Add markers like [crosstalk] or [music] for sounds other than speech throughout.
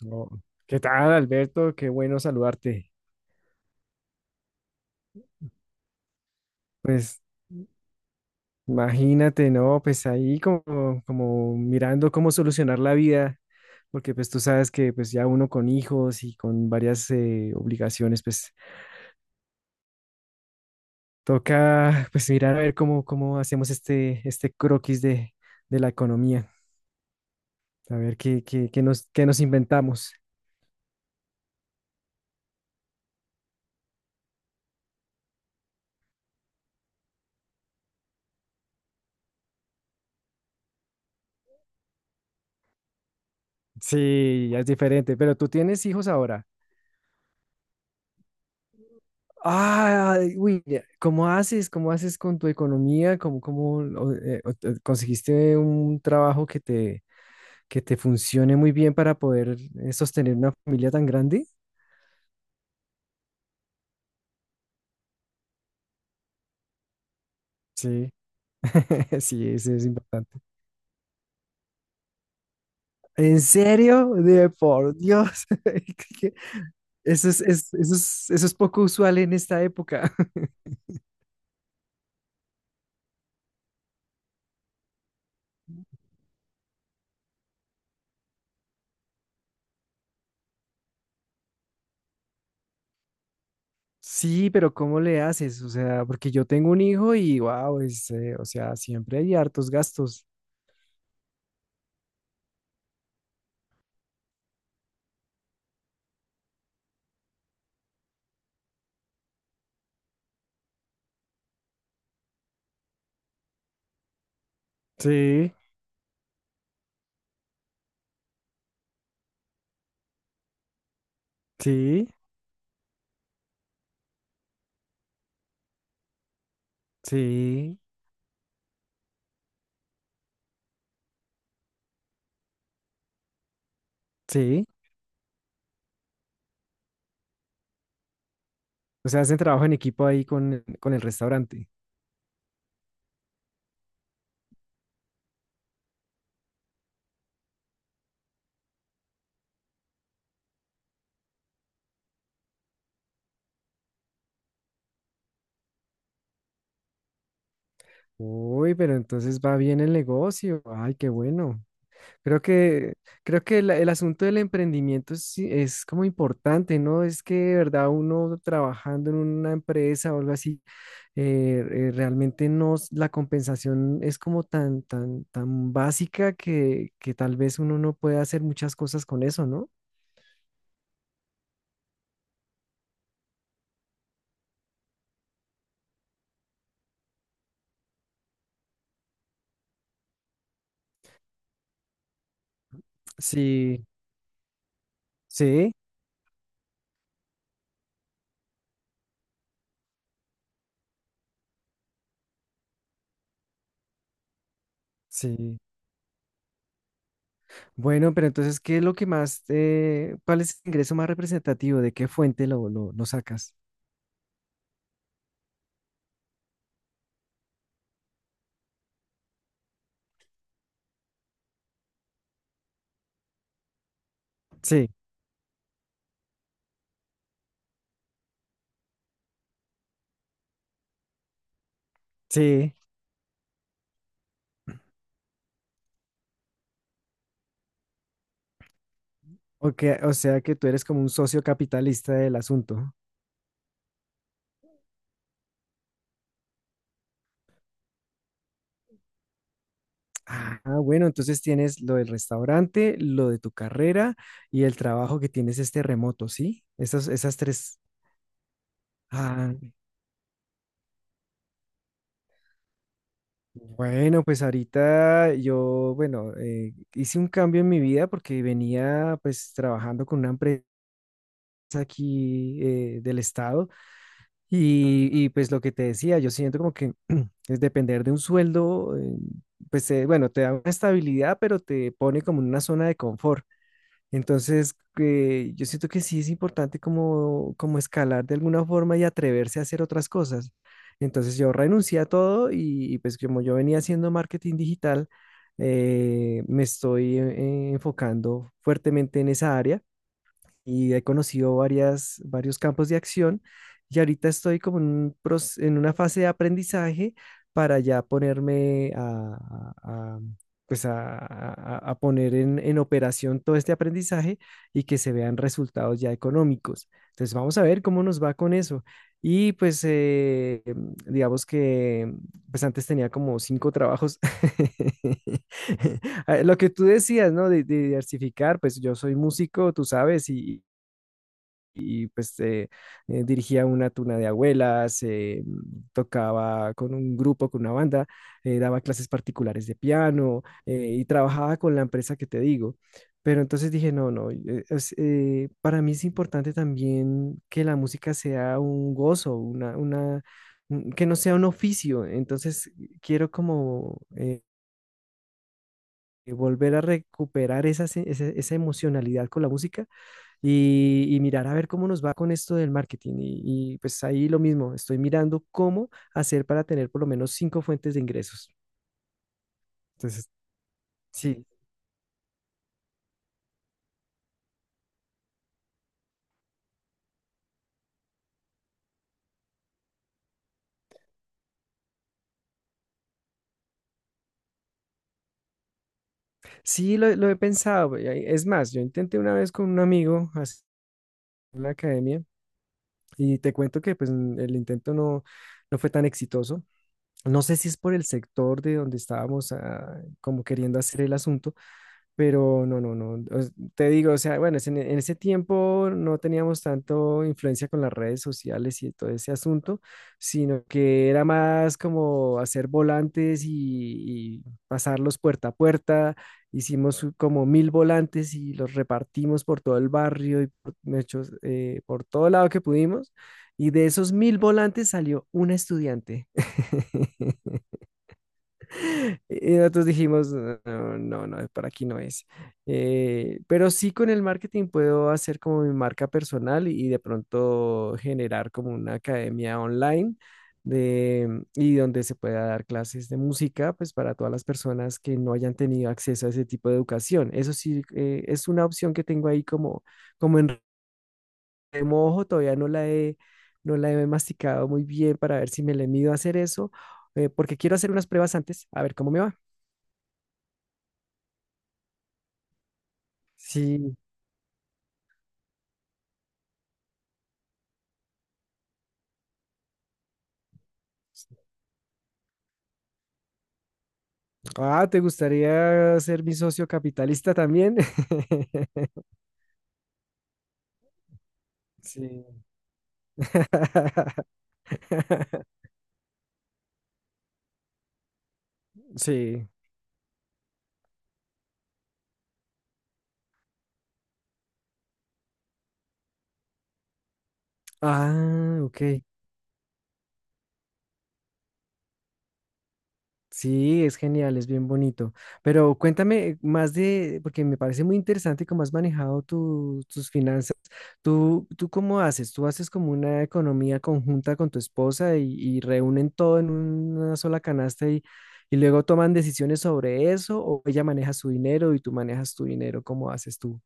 No. ¿Qué tal, Alberto? Qué bueno saludarte. Pues imagínate, ¿no? Pues ahí como mirando cómo solucionar la vida, porque pues tú sabes que pues ya uno con hijos y con varias obligaciones, pues toca pues mirar a ver cómo, cómo hacemos este croquis de la economía, a ver qué nos inventamos. Sí, ya es diferente, pero tú tienes hijos ahora. Ah, uy, ya, ¿cómo haces? ¿Cómo haces con tu economía? ¿ Conseguiste un trabajo que te funcione muy bien para poder sostener una familia tan grande? Sí, [laughs] sí, eso es importante. ¿En serio? De por Dios. [laughs] ¿Qué? Eso es, eso es poco usual en esta época. [laughs] Sí, pero ¿cómo le haces? O sea, porque yo tengo un hijo y wow, es, o sea, siempre hay hartos gastos. Sí, sí. Sí, sí. O sea, hacen trabajo en equipo ahí con el restaurante. Uy, pero entonces va bien el negocio. Ay, qué bueno. Creo que, creo que el asunto del emprendimiento es como importante, ¿no? Es que de verdad uno trabajando en una empresa o algo así, realmente no, la compensación es como tan básica que tal vez uno no puede hacer muchas cosas con eso, ¿no? Sí, sí, sí. Bueno, pero entonces, ¿qué es lo que más, cuál es el ingreso más representativo? ¿De qué fuente lo sacas? Sí, sí. O, o sea que tú eres como un socio capitalista del asunto. Ah, bueno, entonces tienes lo del restaurante, lo de tu carrera y el trabajo que tienes este remoto, ¿sí? Esas, esas tres. Ah, bueno, pues ahorita yo, bueno, hice un cambio en mi vida porque venía pues trabajando con una empresa aquí del estado. Y, y pues lo que te decía, yo siento como que [clears throat] es depender de un sueldo, pues bueno, te da una estabilidad, pero te pone como en una zona de confort. Entonces, que yo siento que sí es importante como, como escalar de alguna forma y atreverse a hacer otras cosas. Entonces yo renuncié a todo y pues como yo venía haciendo marketing digital, me estoy enfocando fuertemente en esa área y he conocido varios campos de acción y ahorita estoy como en, en una fase de aprendizaje para ya ponerme a pues a poner en operación todo este aprendizaje y que se vean resultados ya económicos. Entonces vamos a ver cómo nos va con eso. Y pues digamos que pues antes tenía como cinco trabajos. [laughs] [laughs] Ah, lo que tú decías, ¿no? De diversificar, pues yo soy músico, tú sabes, y pues dirigía una tuna de abuelas, tocaba con un grupo, con una banda, daba clases particulares de piano y trabajaba con la empresa que te digo. Pero entonces dije, no, no, para mí es importante también que la música sea un gozo, que no sea un oficio. Entonces quiero como volver a recuperar esa, se- esa esa emocionalidad con la música y mirar a ver cómo nos va con esto del marketing. Y, y pues ahí lo mismo, estoy mirando cómo hacer para tener por lo menos cinco fuentes de ingresos. Entonces, sí, sí lo he pensado. Y es más, yo intenté una vez con un amigo hacer la academia y te cuento que pues el intento no fue tan exitoso. No sé si es por el sector de donde estábamos ah, como queriendo hacer el asunto. Pero no, no, no. Te digo, o sea, bueno, es en ese tiempo no teníamos tanto influencia con las redes sociales y todo ese asunto, sino que era más como hacer volantes y pasarlos puerta a puerta. Hicimos como 1.000 volantes y los repartimos por todo el barrio y por, de hecho, por todo lado que pudimos. Y de esos 1.000 volantes salió una estudiante. [laughs] Y nosotros dijimos, no, no, no, para aquí no es. Pero sí con el marketing puedo hacer como mi marca personal y de pronto generar como una academia online y donde se pueda dar clases de música, pues para todas las personas que no hayan tenido acceso a ese tipo de educación. Eso sí, es una opción que tengo ahí como, como en remojo, todavía no la he masticado muy bien para ver si me le mido a hacer eso, porque quiero hacer unas pruebas antes, a ver cómo me va. Sí. Ah, ¿te gustaría ser mi socio capitalista también? [laughs] Sí. [laughs] Sí. Ah, ok. Sí, es genial, es bien bonito. Pero cuéntame más de, porque me parece muy interesante cómo has manejado tus finanzas. ¿Tú, tú cómo haces? ¿Tú haces como una economía conjunta con tu esposa y reúnen todo en una sola canasta y luego toman decisiones sobre eso? ¿O ella maneja su dinero y tú manejas tu dinero? ¿Cómo haces tú?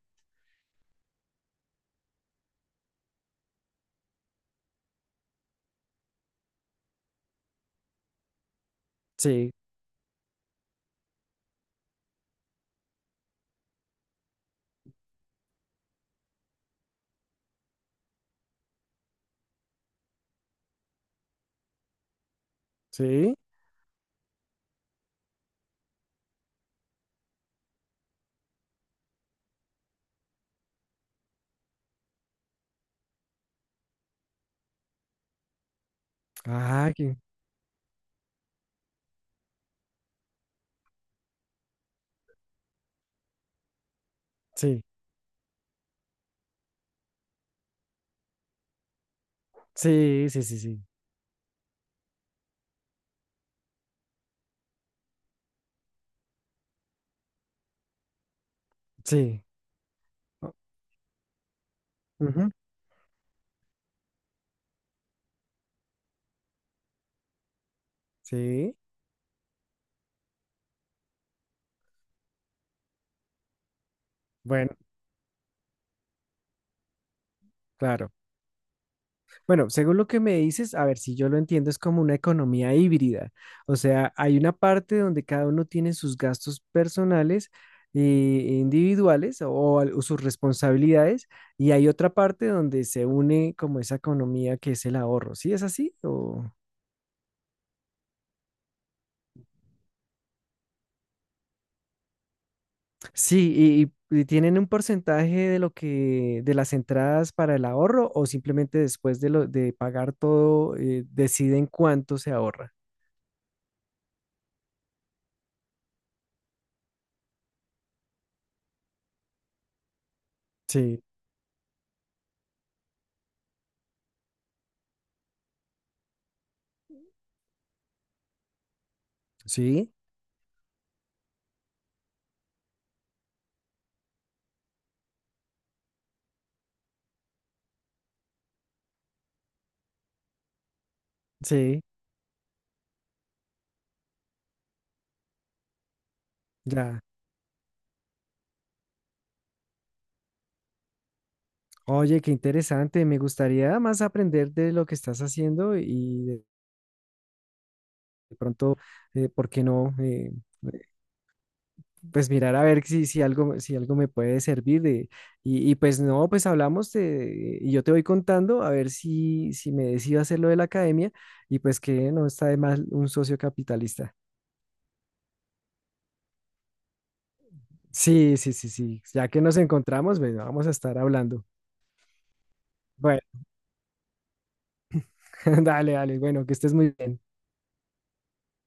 Sí, sí. Ah, sí, sí, sí, sí, sí, sí. o- Ujú. Sí, bueno, claro. Bueno, según lo que me dices, a ver si yo lo entiendo, es como una economía híbrida. O sea, hay una parte donde cada uno tiene sus gastos personales e individuales o, o sus responsabilidades y hay otra parte donde se une como esa economía que es el ahorro. ¿Sí es así? O... Sí, y tienen un porcentaje de lo que de las entradas para el ahorro o simplemente después de lo de pagar todo deciden cuánto se ahorra. Sí, sí, sí, ya. Oye, qué interesante. Me gustaría más aprender de lo que estás haciendo y de pronto, ¿por qué no? Eh, pues mirar a ver si, si algo, si algo me puede servir. Y, y pues no, y yo te voy contando a ver si, si me decido hacer lo de la academia y pues que no está de más un socio capitalista. Sí, sí, sí, sí. Ya que nos encontramos, bueno, vamos a estar hablando. Bueno, [laughs] dale, dale. Bueno, que estés muy bien.